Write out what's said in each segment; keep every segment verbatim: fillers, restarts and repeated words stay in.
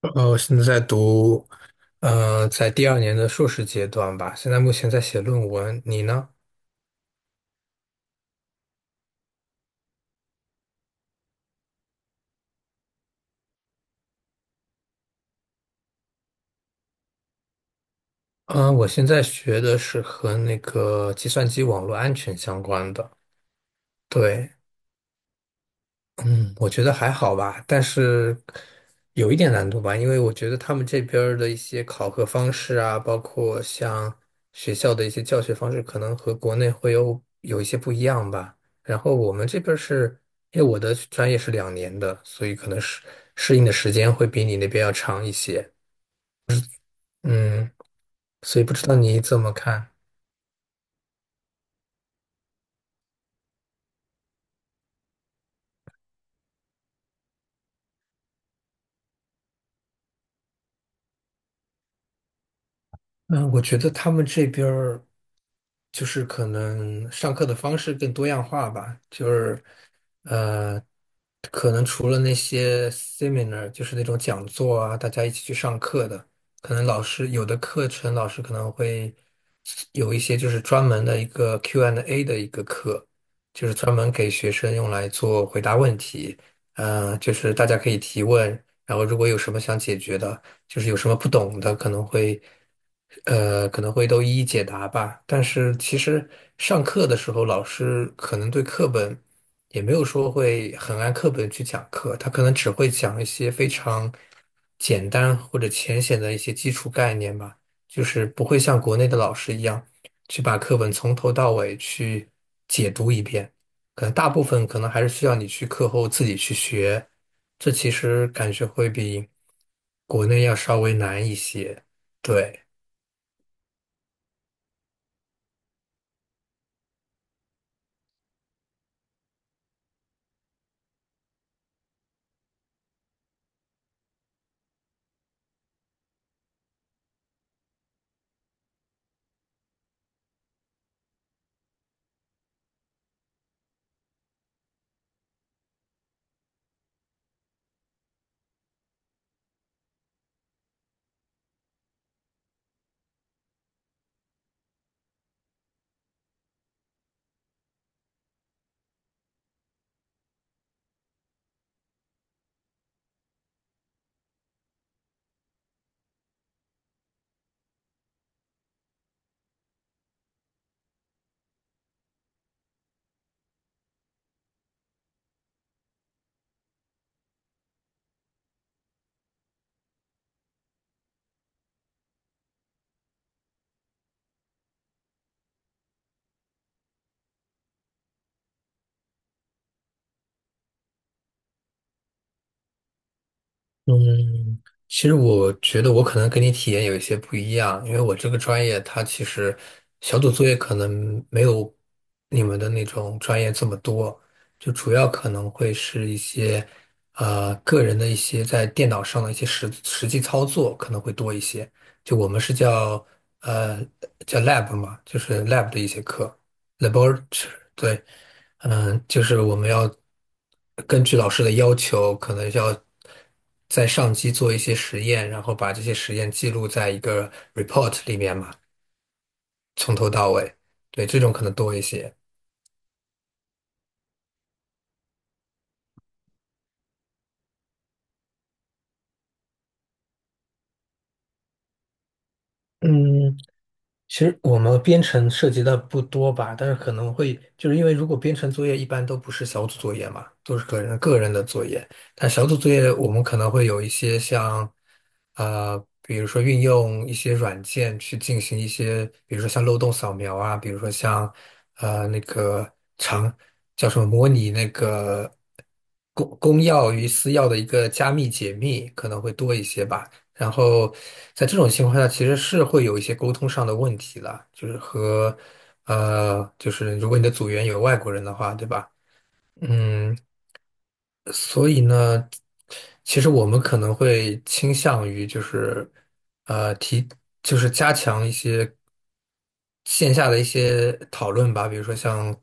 呃，我现在在读，呃，在第二年的硕士阶段吧。现在目前在写论文，你呢？嗯、我现在学的是和那个计算机网络安全相关的。对，嗯，我觉得还好吧，但是有一点难度吧，因为我觉得他们这边儿的一些考核方式啊，包括像学校的一些教学方式，可能和国内会有有一些不一样吧。然后我们这边儿是，因为我的专业是两年的，所以可能适适应的时间会比你那边要长一些。嗯，所以不知道你怎么看？嗯，我觉得他们这边儿就是可能上课的方式更多样化吧，就是呃，可能除了那些 seminar，就是那种讲座啊，大家一起去上课的，可能老师有的课程老师可能会有一些就是专门的一个 Q and A n d A 的一个课，就是专门给学生用来做回答问题，呃，就是大家可以提问，然后如果有什么想解决的。就是有什么不懂的可能会，呃，可能会都一一解答吧。但是其实上课的时候，老师可能对课本也没有说会很按课本去讲课，他可能只会讲一些非常简单或者浅显的一些基础概念吧，就是不会像国内的老师一样去把课本从头到尾去解读一遍。可能大部分可能还是需要你去课后自己去学，这其实感觉会比国内要稍微难一些。对。嗯，其实我觉得我可能跟你体验有一些不一样，因为我这个专业它其实小组作业可能没有你们的那种专业这么多，就主要可能会是一些呃个人的一些在电脑上的一些实实际操作可能会多一些。就我们是叫呃叫 lab 嘛，就是 lab 的一些课，laboratory 对。嗯，就是我们要根据老师的要求，可能要在上机做一些实验，然后把这些实验记录在一个 report 里面嘛，从头到尾。对，这种可能多一些。嗯。其实我们编程涉及的不多吧，但是可能会就是因为如果编程作业一般都不是小组作业嘛，都是个人个人的作业，但小组作业我们可能会有一些像，呃，比如说运用一些软件去进行一些，比如说像漏洞扫描啊，比如说像呃那个长叫什么模拟那个公公钥与私钥的一个加密解密可能会多一些吧。然后在这种情况下，其实是会有一些沟通上的问题啦，就是和呃，就是如果你的组员有外国人的话，对吧？嗯，所以呢，其实我们可能会倾向于就是呃提，就是加强一些线下的一些讨论吧，比如说像。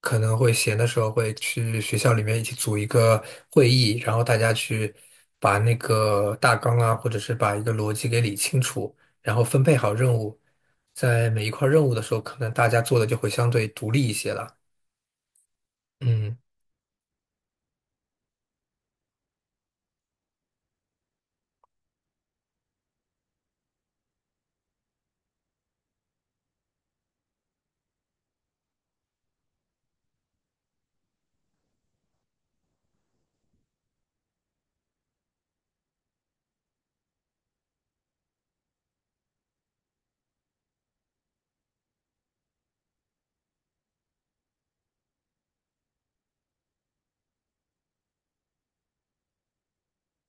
可能会闲的时候会去学校里面一起组一个会议，然后大家去把那个大纲啊，或者是把一个逻辑给理清楚，然后分配好任务。在每一块任务的时候，可能大家做的就会相对独立一些了。嗯。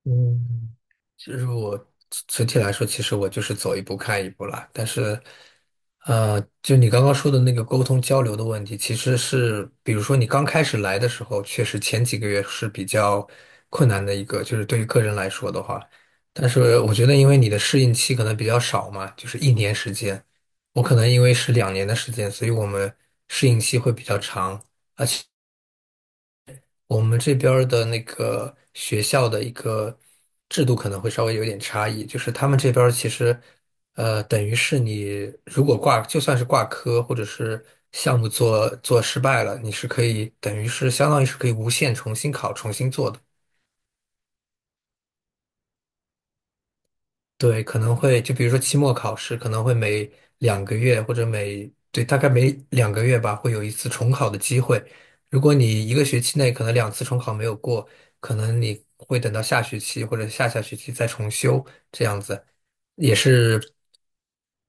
嗯，其实我整体来说，其实我就是走一步看一步啦。但是，呃，就你刚刚说的那个沟通交流的问题，其实是，比如说你刚开始来的时候，确实前几个月是比较困难的一个，就是对于个人来说的话。但是我觉得，因为你的适应期可能比较少嘛，就是一年时间，我可能因为是两年的时间，所以我们适应期会比较长。我们这边儿的那个学校的一个制度可能会稍微有点差异，就是他们这边儿其实，呃，等于是你如果挂，就算是挂科或者是项目做做失败了，你是可以等于是相当于是可以无限重新考、重新做的。对，可能会就比如说期末考试，可能会每两个月或者每，对，大概每两个月吧，会有一次重考的机会。如果你一个学期内可能两次重考没有过，可能你会等到下学期或者下下学期再重修，这样子也是，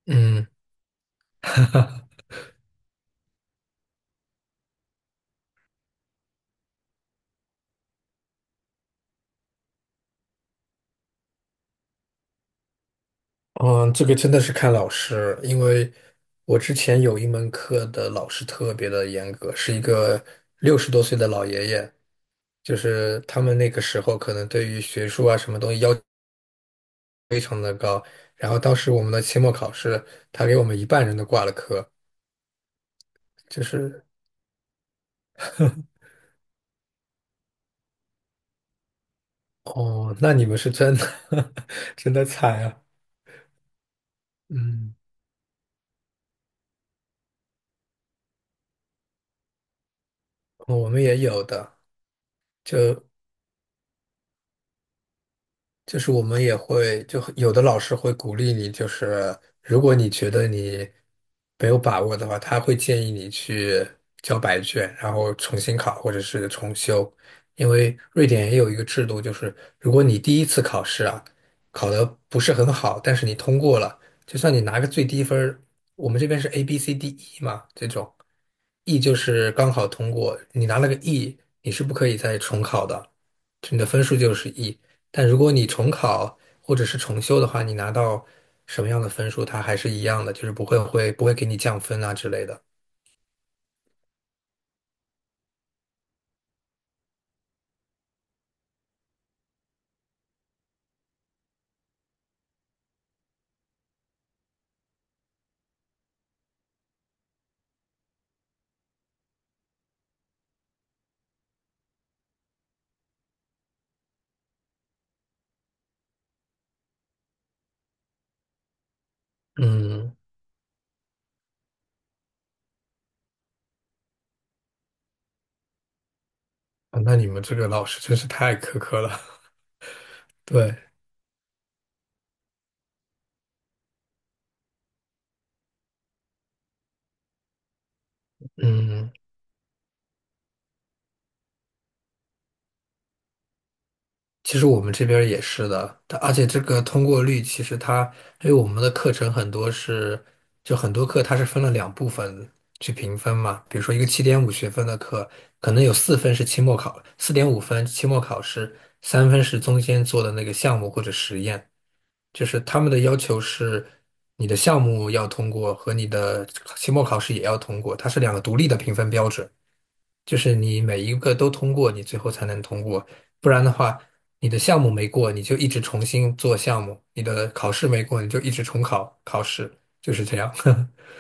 嗯嗯，这个真的是看老师，因为我之前有一门课的老师特别的严格，是一个六十多岁的老爷爷。就是他们那个时候可能对于学术啊什么东西要然后当时我们的期末考试，他给我们一半人都挂了科，就是哦，那你们是真的 真的惨啊。嗯，我们也有的。就是我们也会，就有的老师会鼓励你，就是如果你觉得你没有把握的话，他会建议你去交白卷，然后重新考或者是重修。因为瑞典也有一个制度，就是如果你第一次考试啊考得不是很好，但是你通过了，就算你拿个最低分儿我们这边是 A、B、C、D、E 嘛，这种。E 就是刚好通过，你拿了个 E，你是不可以再重考的，就你的分数就是 E。但如果你重考或者是重修的话，你拿到什么样的分数，它还是一样的，就是不会会不会给你降分啊之类的。嗯。啊那你们这个老师真是太苛刻了。对，嗯，其实我们这边儿也是的，它而且这个通过率，其实它因为我们的课程很多是，就很多课它是分了两部分去评分嘛。比如说一个七点五学分的课，可能有四分是期末考，四点五分期末考试，三分是中间做的那个项目或者实验。就是他们的要求是，你的项目要通过和你的期末考试也要通过，它是两个独立的评分标准。就是你每一个都通过，你最后才能通过，不然的话，你的项目没过，你就一直重新做项目；你的考试没过，你就一直重考考试，就是这样。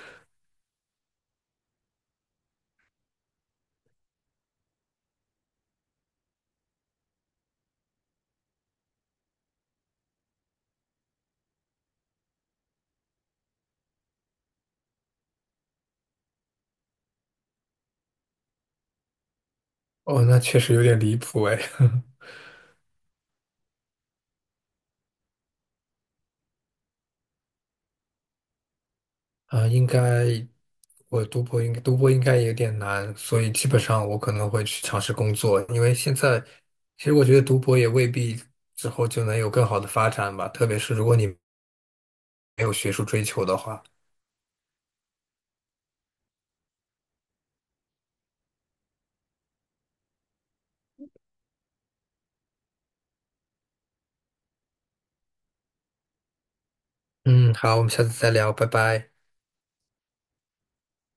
哦，那确实有点离谱哎。啊，应该我读博应该读博应该有点难，所以基本上我可能会去尝试工作，因为现在其实我觉得读博也未必之后就能有更好的发展吧，特别是如果你没有学术追求的话。嗯，好，我们下次再聊，拜拜。